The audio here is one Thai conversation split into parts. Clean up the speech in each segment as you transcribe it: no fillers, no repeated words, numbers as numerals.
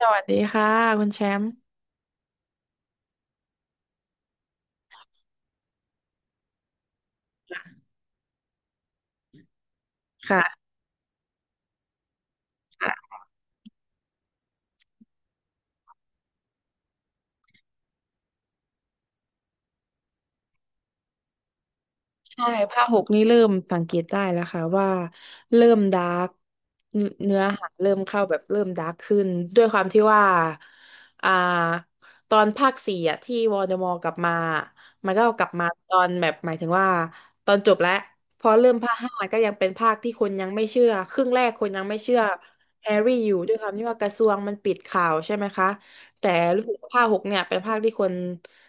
สวัสดีค่ะคุณแชมป์ค่ะใช่ภาคหกนี่เริ่มสังเกตได้แล้วค่ะว่าเริ่มดาร์กเนื้อหาเริ่มเข้าแบบเริ่มดาร์กขึ้นด้วยความที่ว่าอ่าตอนภาคสี่อะที่วอลเดอมอร์กลับมามันก็กลับมาตอนแบบหมายถึงว่าตอนจบแล้วพอเริ่มภาคห้าก็ยังเป็นภาคที่คนยังไม่เชื่อครึ่งแรกคนยังไม่เชื่อแฮร์รี่อยู่ด้วยความที่ว่ากระทรวงมันปิดข่าวใช่ไหมคะแต่รู้สึกว่าภาคหกเนี่ยเป็นภาคที่คน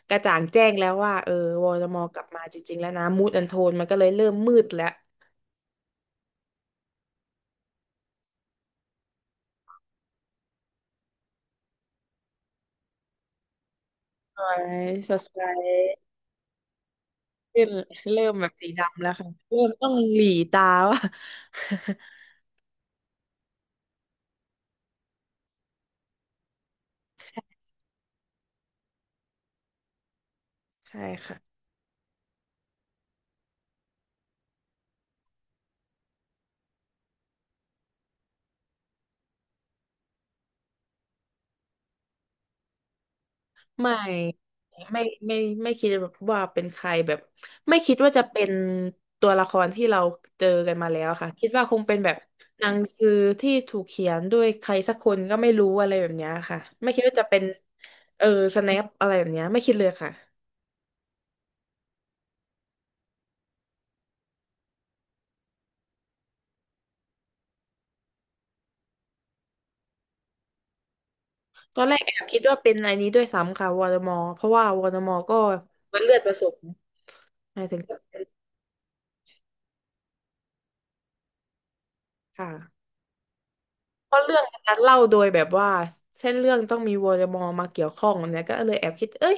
กระจ่างแจ้งแล้วว่าเออวอลมอร์กลับมาจริงๆแล้วนะมูดแอนโทนมันก็เลยเริ่มมืดแล้วสวยสดใสขึ้นเริ่มแบบสีดำแล้วค่ะเริ่มต้องหลีตาว่า ใช่ค่ะไม่ไม่ไม่ไม่คิดว่าเป็นใครแบบไม่คิดว่าจะเป็นตัวละครที่เราเจอกันมาแล้วค่ะคิดว่าคงเป็นแบบหนังสือที่ถูกเขียนด้วยใครสักคนก็ไม่รู้อะไรแบบเนี้ยค่ะไม่คิดว่าจะเป็นเออสแนปอะไรแบบเนี้ยไม่คิดเลยค่ะ ตอนแรกแอบคิดว่าเป็นไอันนี้ด้วยซ้ำค่ะวอร์มอเพราะว่าวอร์มอก็มันเลือดผสมหมายถึงค่ะเพราะเรื่องมันเล่าโดยแบบว่าเส้นเรื่องต้องมีวอร์มอมาเกี่ยวข้องเนี่ยก็เลยแอบคิดเอ้ย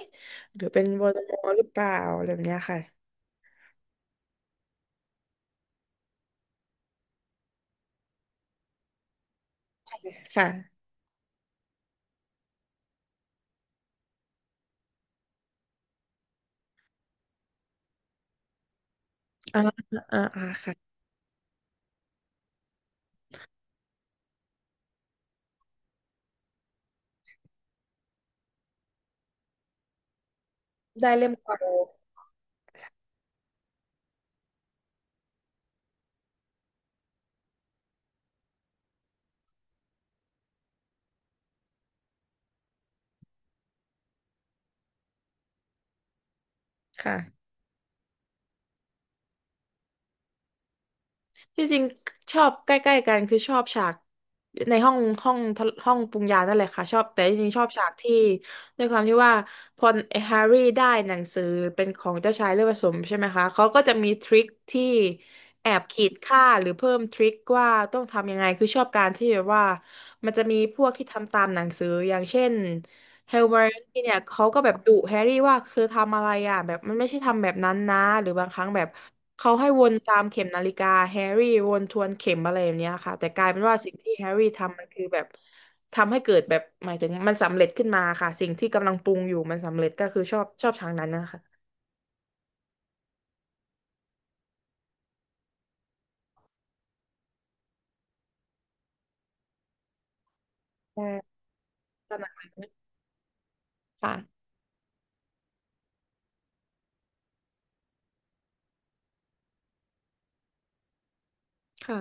หรือเป็นวอร์มอหรือเปล่าอะไรแบบเนี้ยค่ะค่ะอ่าอ่าอ่าค่ะได้เล่มเก่าค่ะ ที่จริงชอบใกล้ๆกันคือชอบฉากในห้องปรุงยานั่นแหละค่ะชอบแต่จริงๆชอบฉากที่ด้วยความที่ว่าพอแฮร์รี่ได้หนังสือเป็นของเจ้าชายเลือดผสมใช่ไหมคะเขาก็จะมีทริคที่แอบขีดค่าหรือเพิ่มทริคว่าต้องทำยังไงคือชอบการที่แบบว่ามันจะมีพวกที่ทำตามหนังสืออย่างเช่น เฮลเมอร์ที่เนี่ยเขาก็แบบดุแฮร์รี่ว่าคือทำอะไรอ่ะแบบมันไม่ใช่ทำแบบนั้นนะหรือบางครั้งแบบเขาให้วนตามเข็มนาฬิกาแฮร์รี่วนทวนเข็มอะไรแบบเนี้ยค่ะแต่กลายเป็นว่าสิ่งที่แฮร์รี่ทำมันคือแบบทำให้เกิดแบบหมายถึงมันสำเร็จขึ้นมาค่ะสิ่งที่กำลังปรุงอยู่มันสำเร็จก็คือชอบทางนั้นนะคะแต่ตระหนักเลยค่ะค่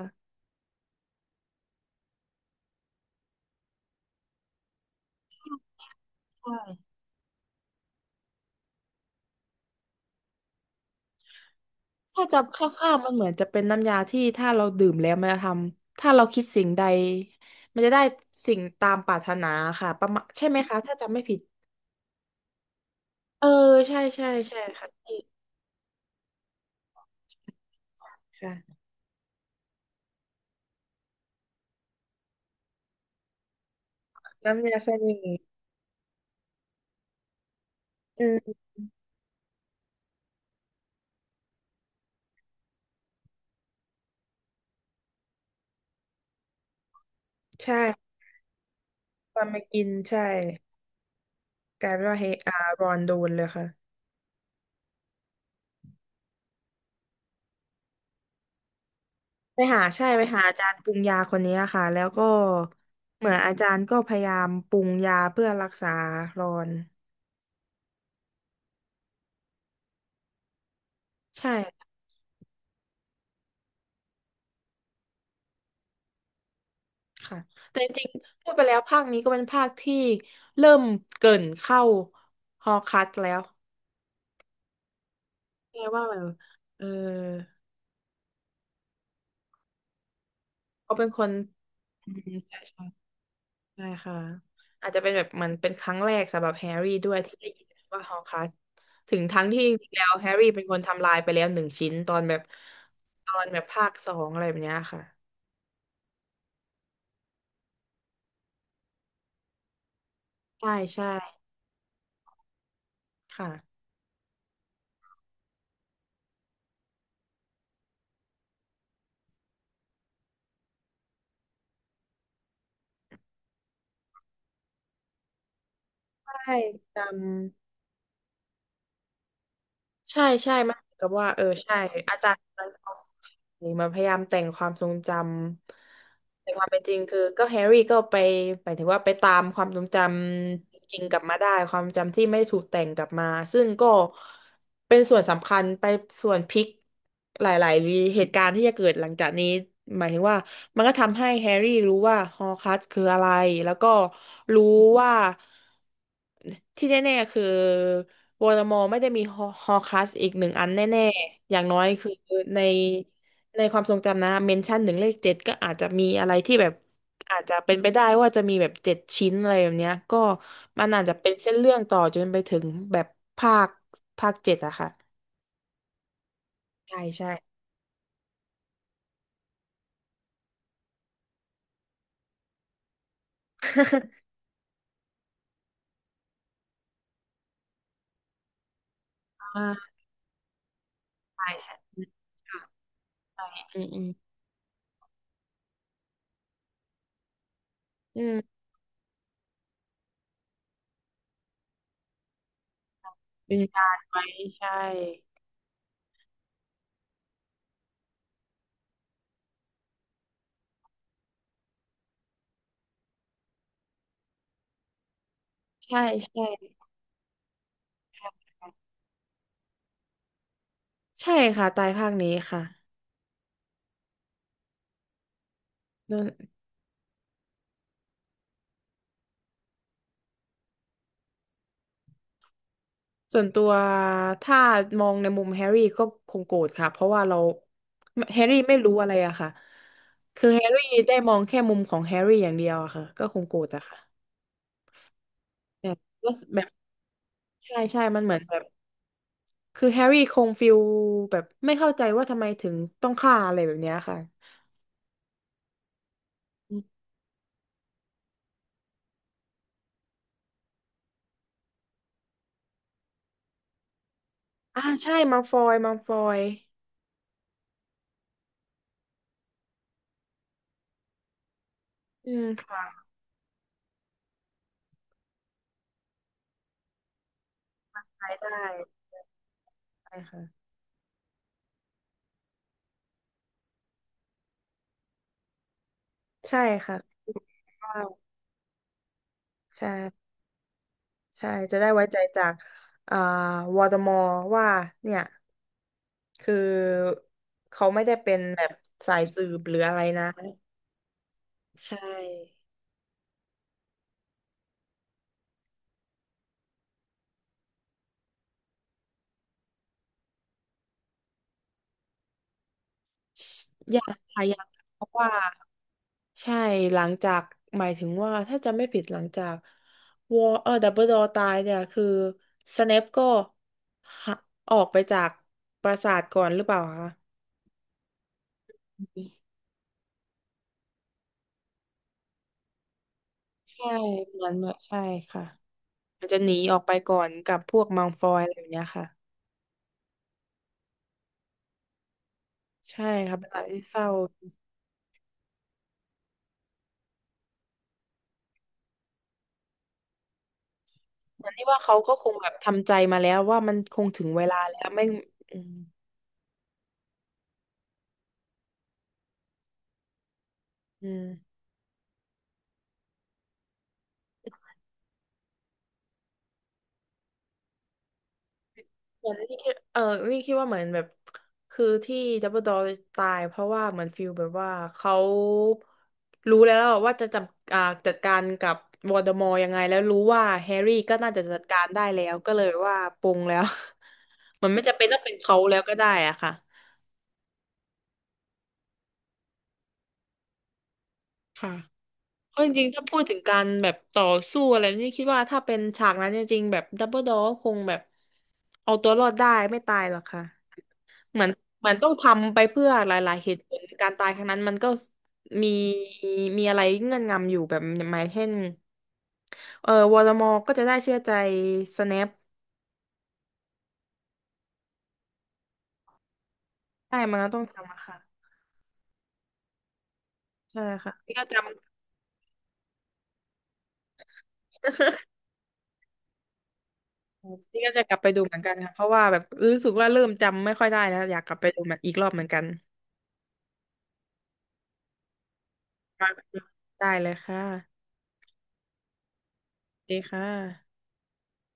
ะ ถ้าจำคร่าวๆมันเหมือนจะเป็นน้ำยาที่ถ้าเราดื่มแล้วมันจะทำถ้าเราคิดสิ่งใดมันจะได้สิ่งตามปรารถนาค่ะประมาณใช่ไหมคะถ้าจำไม่ผิดเออใช่ใช่ใช่ค่ะที่ค่ะน้ำยาเสน่ห์อืมใช่ตอนมากินใช่กลายเป็นว่าเฮอารอนโดนเลยค่ะไปหาใช่ไปหาอาจารย์ปรุงยาคนนี้ค่ะแล้วก็เหมือนอาจารย์ก็พยายามปรุงยาเพื่อรักษารอนใช่ ค่ะแต่จริงๆพูดไปแล้วภาคนี้ก็เป็นภาคที่เริ่มเกริ่นเข้าฮอร์ครัสแล้วแปลว่าแบบเออเขาเป็นคนอืมใช่ใช่ใช่ค่ะอาจจะเป็นแบบเหมันเป็นครั้งแรกสำหรับแฮร์รี่ด้วยที่ได้ยินว่าฮอร์ครัสถึงทั้งที่จริงๆแล้วแฮร์รี่เป็นคนทำลายไปแล้วหนึ่งชิ้นตอนแบบภาคสองอะไรแบบเนี้ยค่ะใช่ใช่ค่ะใช่จำ ใช่ใช่มันเหมือนกับว่าเออใช่อาจารย์มันเอามาพยายามแต่งความทรงจำแต่ความเป็นจริงคือก็แฮร์รี่ก็ไปหมายถึงว่าไปตามความทรงจำจริงๆกลับมาได้ความจำที่ไม่ได้ถูกแต่งกลับมาซึ่งก็เป็นส่วนสำคัญไปส่วนพลิกหลายๆเหตุการณ์ที่จะเกิดหลังจากนี้หมายถึงว่ามันก็ทำให้แฮร์รี่รู้ว่าฮอร์ครักซ์คืออะไรแล้วก็รู้ว่า ที่แน่ๆคือวอลมอไม่ได้มีฮอคลัสอีกหนึ่งอันแน่ๆอย่างน้อยคือในในความทรงจำนะเมนชั่นหนึ่งเลขเจ็ดก็อาจจะมีอะไรที่แบบอาจจะเป็นไปได้ว่าจะมีแบบเจ็ดชิ้นอะไรแบบเนี้ยก็มันอาจจะเป็นเส้นเรื่องต่อจนไปถึงแบบภาคภาคเจ็ดอะค่ะใช่ใช่ อ่าใช่ใช่ค่ะอืมอืมอืมวิญญาณไว้ใช่ใช่ใช่ใช่ค่ะตายภาคนี้ค่ะ ส่วนตัวถ้ามองในมุมแฮร์รี่ก็คงโกรธค่ะเพราะว่าเราแฮร์รี่ไม่รู้อะไรอะค่ะคือแฮร์รี่ได้มองแค่มุมของแฮร์รี่อย่างเดียวอะค่ะก็คงโกรธอะค่ะแบบก็แบบใช่มันเหมือนแบบคือแฮร์รี่คงฟิลแบบไม่เข้าใจว่าทำไมถึงต้องฆ่าอะไรแบบเนี้ยค่ะอมใช่มัลฟอยอืมค่ะขายได้ใช่ค่ะใช่ค่ะว้าวใช่ จะได้ไว้ใจจากอ่าวอตมอว่าเนี่ยคือเขาไม่ได้เป็นแบบสายสืบหรืออะไรนะใช่ยากค่ะยากเพราะว่าใช่หลังจากหมายถึงว่าถ้าจะไม่ผิดหลังจากวอดับเบิลดอตายเนี่ยคือสเนปก็หะออกไปจากปราสาทก่อนหรือเปล่าคะใช่เหมือนแบบใช่ค่ะมันจะหนีออกไปก่อนกับพวกมังฟอยอะไรอย่างเงี้ยค่ะ ใช่ครับเวลาที่เศร้าเหมือนที่ว่าเขาก็คงแบบทำใจมาแล้วว่ามันคงถึงเวลาแล้วไม่อืมอืมเหมือนนี่คิดว่าเหมือนแบบคือที่ดับเบิลดอตายเพราะว่าเหมือนฟิลแบบว่าเขารู้แล้วว่าจะจัดอ่าจัดการกับวอ l เดอมอร์ยังไงแล้วรู้ว่าแฮร์รี่ก็น่าจะจัดการได้แล้วก็เลยว่าปลงแล้ว มันไม่จำเป็นต้องเป็นเขาแล้วก็ได้อะค่ะค่ะ เพราะจริงๆถ้าพูดถึงการแบบต่อสู้อะไรนี่คิดว่าถ้าเป็นฉากนั้นจริงๆแบบดับเบิลดอคงแบบเอาตัวรอดได้ไม่ตายหรอกค่ะเหมือนเหมือนต้องทำไปเพื่อหลายๆเหตุผลการตายครั้งนั้นมันก็มีมีอะไรเงื่อนงำอยู่แบบหมายเช่นเออวอลมอก็จะได้เชื่อใจสแนปได้มันก็ต้องทำอะค่ะใช่ค่ะนี่ก็จำ นี่ก็จะกลับไปดูเหมือนกันค่ะเพราะว่าแบบรู้สึกว่าเริ่มจำไม่ค่อยได้แล้วอยากกลับไปดูมันอีกรอบเหมือนกันได้เลยค่ะ ดีค่ะ